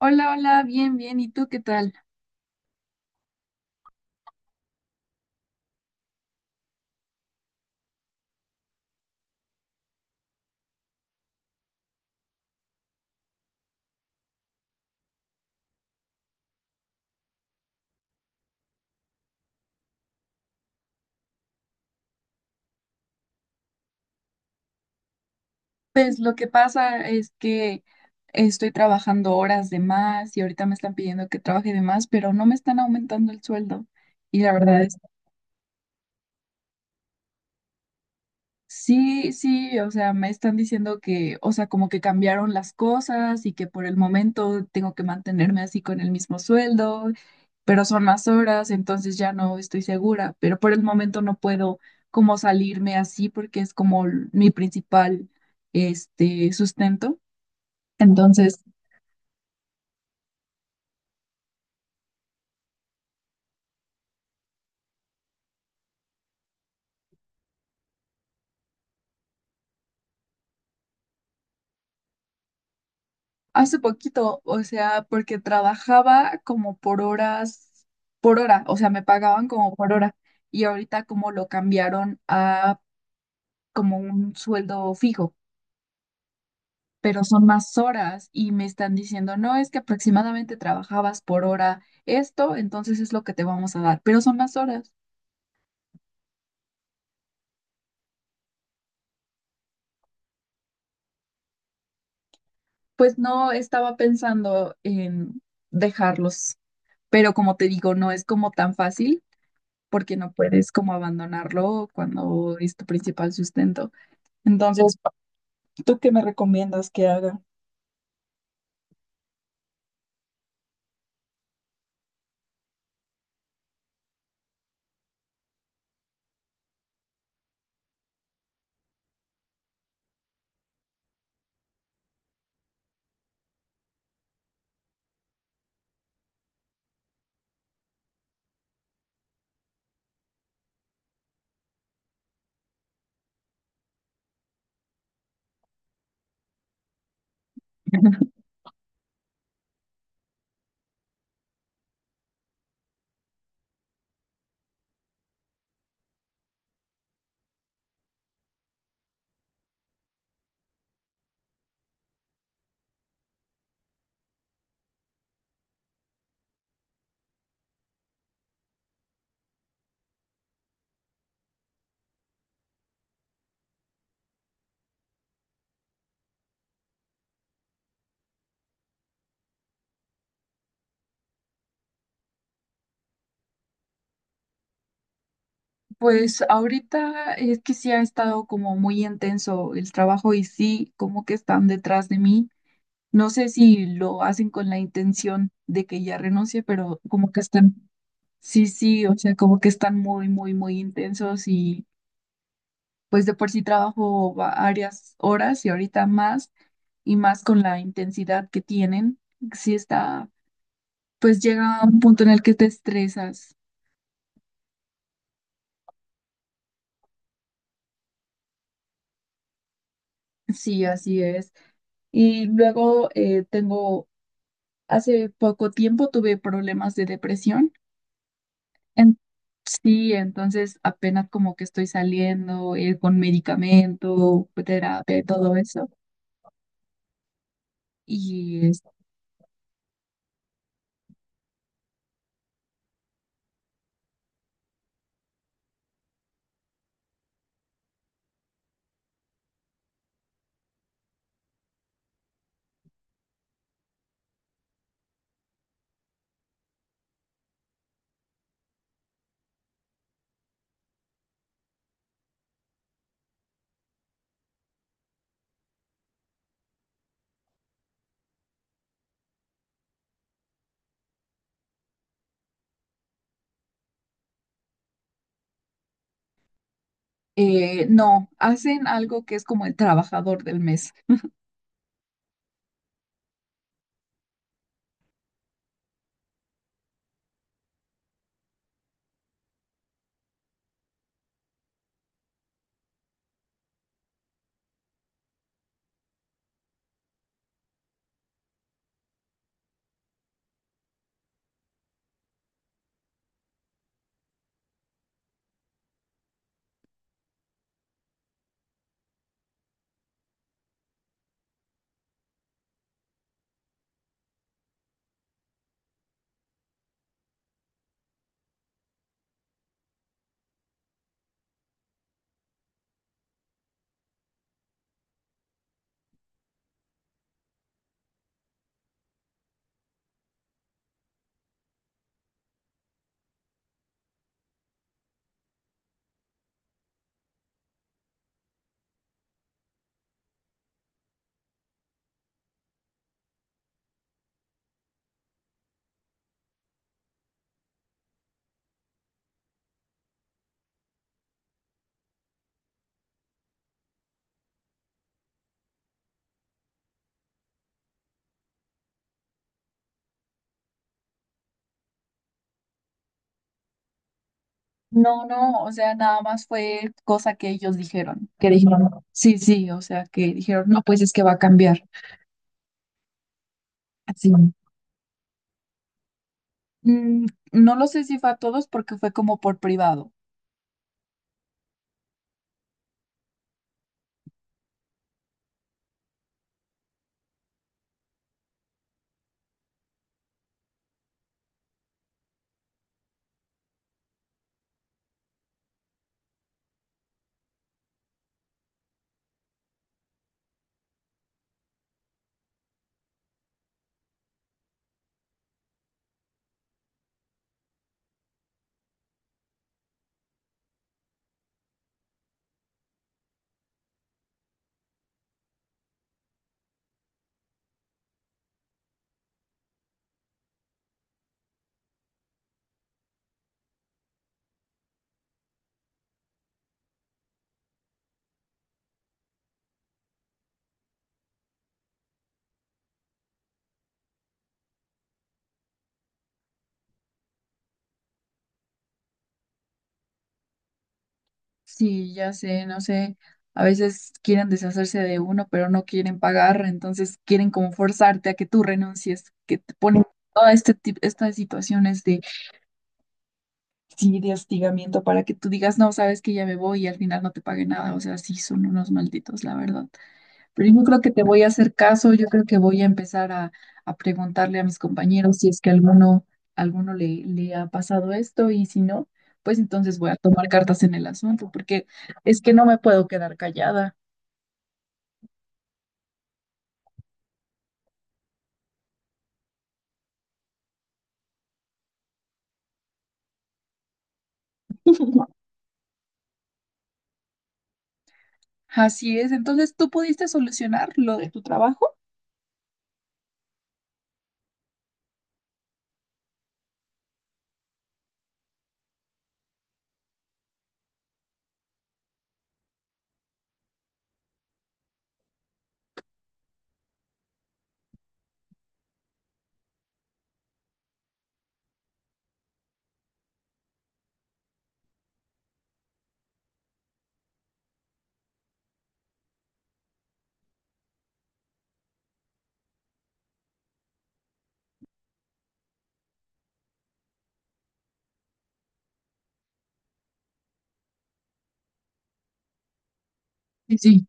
Hola, hola, bien, bien. ¿Y tú qué tal? Pues lo que pasa es que estoy trabajando horas de más y ahorita me están pidiendo que trabaje de más, pero no me están aumentando el sueldo. Y la verdad es sí, sí, o sea, me están diciendo que, o sea, como que cambiaron las cosas y que por el momento tengo que mantenerme así con el mismo sueldo, pero son más horas, entonces ya no estoy segura, pero por el momento no puedo como salirme así porque es como mi principal, sustento. Entonces, hace poquito, o sea, porque trabajaba como por horas, por hora, o sea, me pagaban como por hora y ahorita como lo cambiaron a como un sueldo fijo, pero son más horas y me están diciendo, no, es que aproximadamente trabajabas por hora esto, entonces es lo que te vamos a dar, pero son más horas. Pues no estaba pensando en dejarlos, pero como te digo, no es como tan fácil porque no puedes como abandonarlo cuando es tu principal sustento. Entonces, ¿tú qué me recomiendas que haga? Pues ahorita es que sí ha estado como muy intenso el trabajo y sí, como que están detrás de mí. No sé si lo hacen con la intención de que ya renuncie, pero como que están, sí, sí, o sea, como que están muy, muy, muy intensos y pues de por sí trabajo varias horas y ahorita más y más con la intensidad que tienen. Sí está, pues llega un punto en el que te estresas. Sí, así es. Y luego tengo hace poco tiempo tuve problemas de depresión. En- sí, entonces apenas como que estoy saliendo con medicamento, terapia, y todo eso. Y es- no, hacen algo que es como el trabajador del mes. No, no, o sea, nada más fue cosa que ellos dijeron. Que dijeron, sí, sí, o sea, que dijeron, no, pues es que va a cambiar. Así. Mm, no lo sé si fue a todos porque fue como por privado. Sí, ya sé, no sé, a veces quieren deshacerse de uno, pero no quieren pagar, entonces quieren como forzarte a que tú renuncies, que te ponen todas estas situaciones de sí, de hostigamiento para que tú digas, no, sabes que ya me voy y al final no te pague nada, o sea, sí, son unos malditos, la verdad. Pero yo creo que te voy a hacer caso, yo creo que voy a empezar a preguntarle a mis compañeros si es que alguno, alguno le, le ha pasado esto y si no, pues entonces voy a tomar cartas en el asunto, porque es que no me puedo quedar callada. Así es, entonces tú pudiste solucionar lo de tu trabajo. Sí, sí.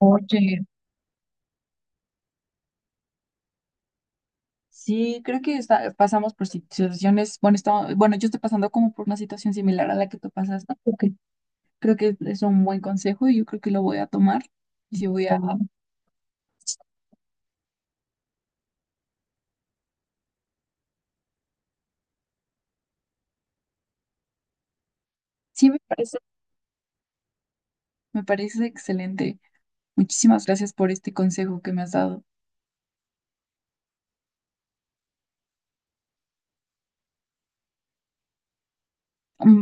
Oye, sí, creo que pasamos por situaciones, bueno, bueno, yo estoy pasando como por una situación similar a la que tú pasaste, porque creo que es un buen consejo y yo creo que lo voy a tomar y sí voy a, ujú. Sí, me parece excelente. Muchísimas gracias por este consejo que me has dado. Bye.